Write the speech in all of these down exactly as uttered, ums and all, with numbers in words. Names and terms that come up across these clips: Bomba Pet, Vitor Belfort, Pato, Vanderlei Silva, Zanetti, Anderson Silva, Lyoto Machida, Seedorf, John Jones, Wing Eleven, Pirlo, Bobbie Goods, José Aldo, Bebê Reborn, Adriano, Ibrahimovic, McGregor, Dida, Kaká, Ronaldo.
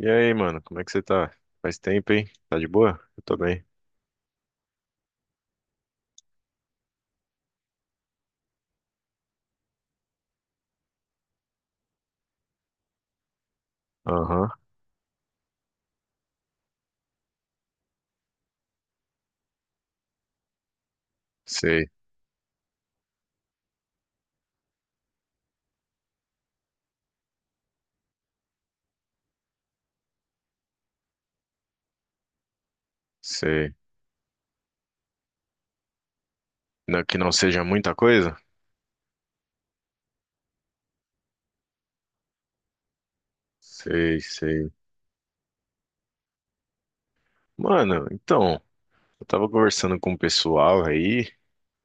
E aí, mano, como é que você tá? Faz tempo, hein? Tá de boa? Eu tô bem. Aham, sei, sei. Não- que não seja muita coisa? Sei, sei. Mano, então, eu tava conversando com o pessoal aí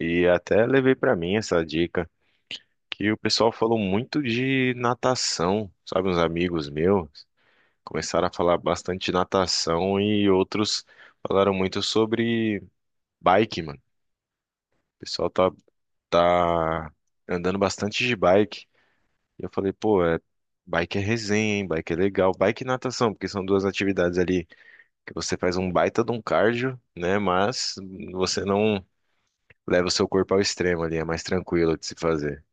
e até levei pra mim essa dica que o pessoal falou muito de natação, sabe? Uns amigos meus começaram a falar bastante de natação e outros falaram muito sobre bike, mano. O pessoal tá, tá andando bastante de bike. E eu falei, pô, é, bike é resenha, hein? Bike é legal. Bike e natação, porque são duas atividades ali que você faz um baita de um cardio, né? Mas você não leva o seu corpo ao extremo ali, é mais tranquilo de se fazer.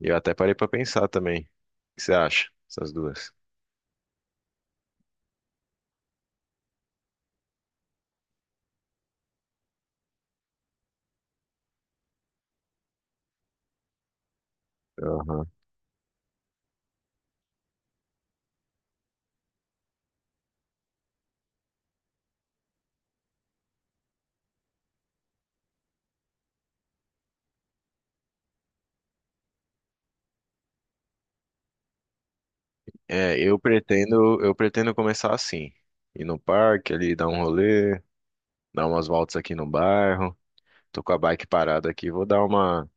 E eu até parei pra pensar também. O que você acha? Essas duas. Aham. É, eu pretendo, eu pretendo começar assim. Ir no parque ali, dar um rolê, dar umas voltas aqui no bairro. Tô com a bike parada aqui, vou dar uma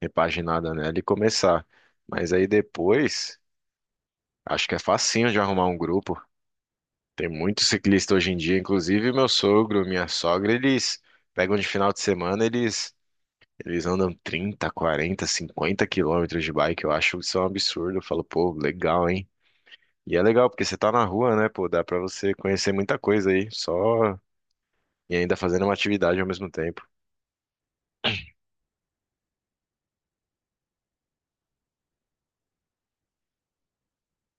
repaginada nela e começar. Mas aí depois. Acho que é facinho de arrumar um grupo. Tem muito ciclista hoje em dia, inclusive meu sogro, minha sogra, eles pegam de final de semana, eles eles andam trinta, quarenta, cinquenta quilômetros de bike. Eu acho isso um absurdo. Eu falo, pô, legal, hein? E é legal porque você tá na rua, né, pô, dá pra você conhecer muita coisa aí, só e ainda fazendo uma atividade ao mesmo tempo.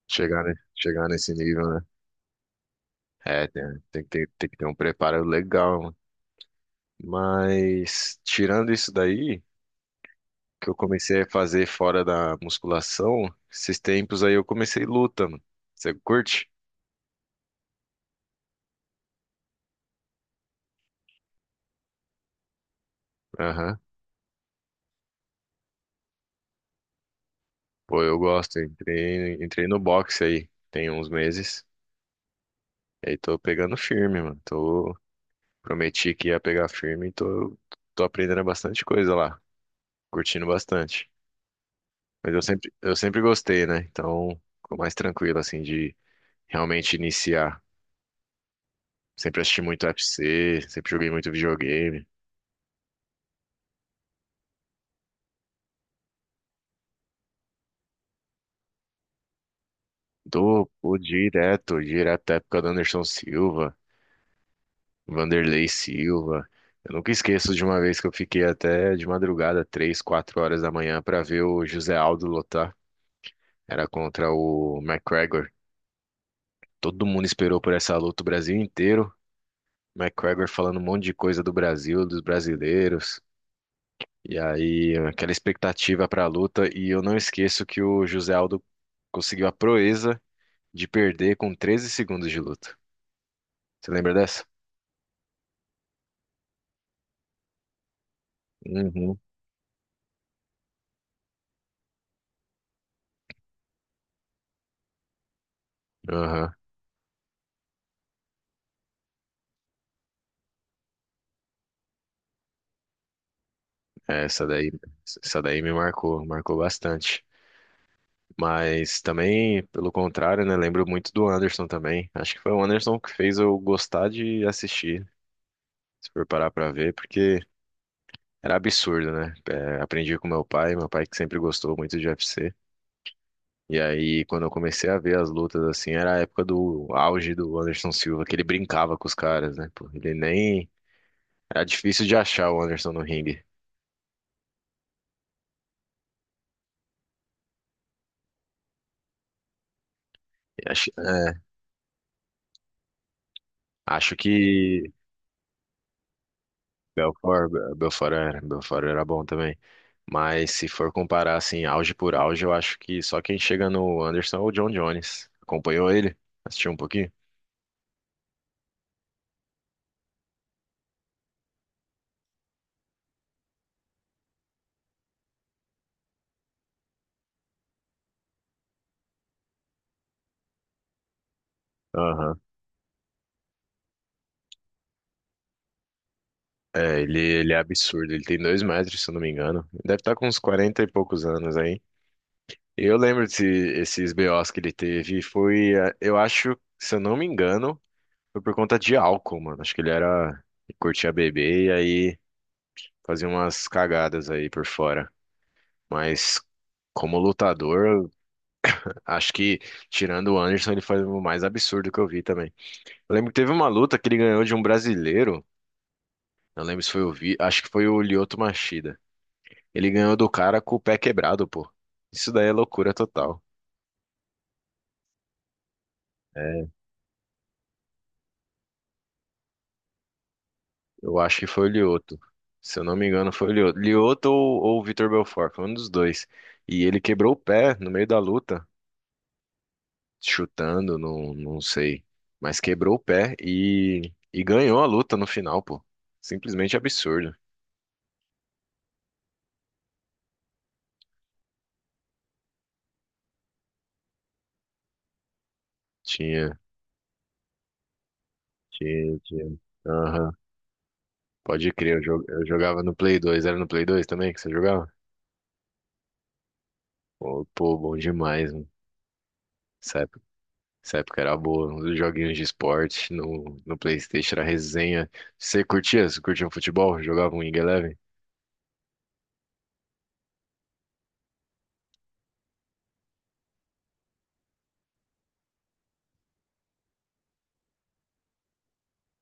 Chegar, né? Chegar nesse nível, né? É, tem, tem que ter, tem que ter um preparo legal. Mas tirando isso daí, que eu comecei a fazer fora da musculação, esses tempos aí eu comecei luta, mano. Você curte? Aham. Pô, eu gosto. Entrei, entrei no boxe aí, tem uns meses. E aí tô pegando firme, mano. Tô, prometi que ia pegar firme e tô, tô aprendendo bastante coisa lá. Curtindo bastante. Mas eu sempre, eu sempre gostei, né? Então, ficou mais tranquilo, assim, de realmente iniciar. Sempre assisti muito U F C, sempre joguei muito videogame. Do, pô, direto, direto da época do Anderson Silva, Vanderlei Silva. Eu nunca esqueço de uma vez que eu fiquei até de madrugada, três, quatro horas da manhã, pra ver o José Aldo lutar. Era contra o McGregor. Todo mundo esperou por essa luta, o Brasil inteiro. McGregor falando um monte de coisa do Brasil, dos brasileiros. E aí, aquela expectativa pra luta. E eu não esqueço que o José Aldo conseguiu a proeza de perder com treze segundos de luta. Você lembra dessa? Uhum. Aham. É, Essa daí, essa daí me marcou, marcou bastante. Mas também, pelo contrário, né? Lembro muito do Anderson também. Acho que foi o Anderson que fez eu gostar de assistir, se for parar pra ver, porque era absurdo, né? É, aprendi com meu pai, meu pai que sempre gostou muito de U F C. E aí, quando eu comecei a ver as lutas, assim, era a época do auge do Anderson Silva, que ele brincava com os caras, né? Pô, ele nem. Era difícil de achar o Anderson no ringue. Acho, é, acho que Belfort, Be- Belfort era, Belfort era bom também. Mas se for comparar assim, auge por auge, eu acho que só quem chega no Anderson é o John Jones. Acompanhou ele? Assistiu um pouquinho? Aham. É, ele, ele é absurdo. Ele tem dois metros, se eu não me engano. Deve estar com uns quarenta e poucos anos aí. E eu lembro desse, esses B Os que ele teve. Foi, eh, eu acho, se eu não me engano, foi por conta de álcool, mano. Acho que ele era, ele curtia beber e aí fazia umas cagadas aí por fora. Mas como lutador, acho que, tirando o Anderson, ele foi o mais absurdo que eu vi também. Eu lembro que teve uma luta que ele ganhou de um brasileiro. Não lembro se foi o Vi, acho que foi o Lyoto Machida. Ele ganhou do cara com o pé quebrado, pô. Isso daí é loucura total. É, eu acho que foi o Lyoto. Se eu não me engano, foi o Lyoto. Lyoto ou, ou o Vitor Belfort, foi um dos dois. E ele quebrou o pé no meio da luta, chutando, não, não sei. Mas quebrou o pé e, e ganhou a luta no final, pô. Simplesmente absurdo. Tinha. Tinha, tinha. Aham. Pode crer, eu jo- eu jogava no Play dois. Era no Play dois também que você jogava? Pô, pô, bom demais, mano. Essa época, essa época era boa. Os joguinhos de esporte no, no PlayStation era resenha. Você curtia? Você curtia um futebol? Jogava um Wing Eleven?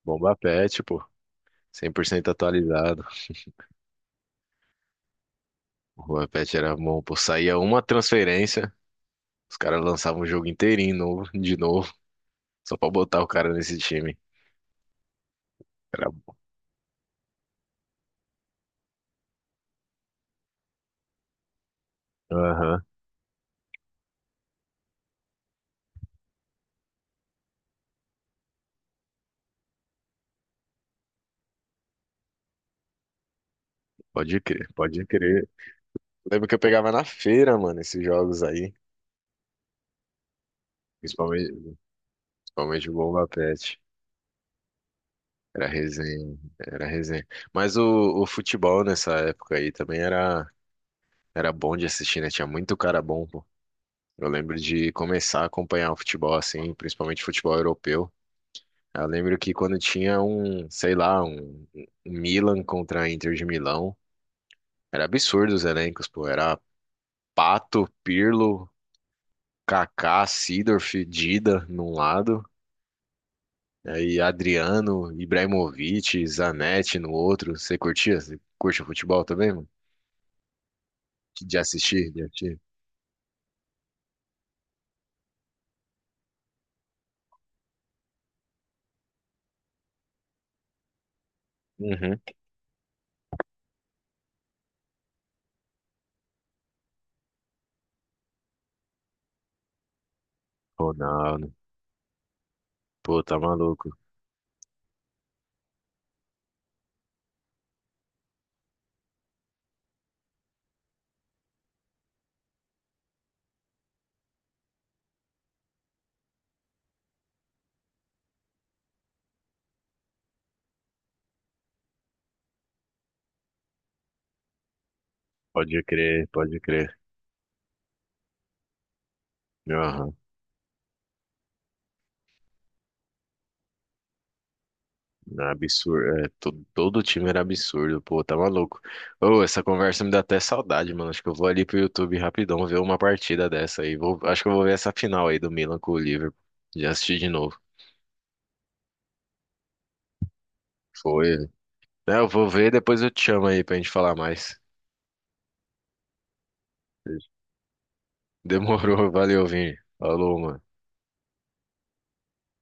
Bomba Pet, pô. Cem por cento atualizado. O Bomba Pet era bom, pô. Saía uma transferência, os caras lançavam o jogo inteirinho novo, de novo, só pra botar o cara nesse time. Era. Aham. Pode crer, pode crer. Lembro que eu pegava na feira, mano, esses jogos aí. Principalmente, principalmente o Bomba Pet. Era resenha, era resenha. Mas o, o futebol nessa época aí também era, era bom de assistir, né? Tinha muito cara bom, pô. Eu lembro de começar a acompanhar o futebol assim, principalmente futebol europeu. Eu lembro que quando tinha um, sei lá, um um Milan contra a Inter de Milão, era absurdo os elencos, pô. Era Pato, Pirlo, Kaká, Seedorf, Dida num lado. Aí Adriano, Ibrahimovic, Zanetti no outro. Você curtia? Você curte o futebol também, mano? De assistir, de assistir. Uhum. Ronaldo. Pô, tá maluco. Pode crer, pode crer. Aham. É absurdo. É, todo, todo time era absurdo. Pô, tá maluco. Ô, essa conversa me dá até saudade, mano. Acho que eu vou ali pro YouTube rapidão ver uma partida dessa aí. Vou, acho que eu vou ver essa final aí do Milan com o Liverpool. Já assisti de novo. Foi. É, eu vou ver, depois eu te chamo aí pra gente falar mais. Demorou, valeu, Vini. Falou, mano.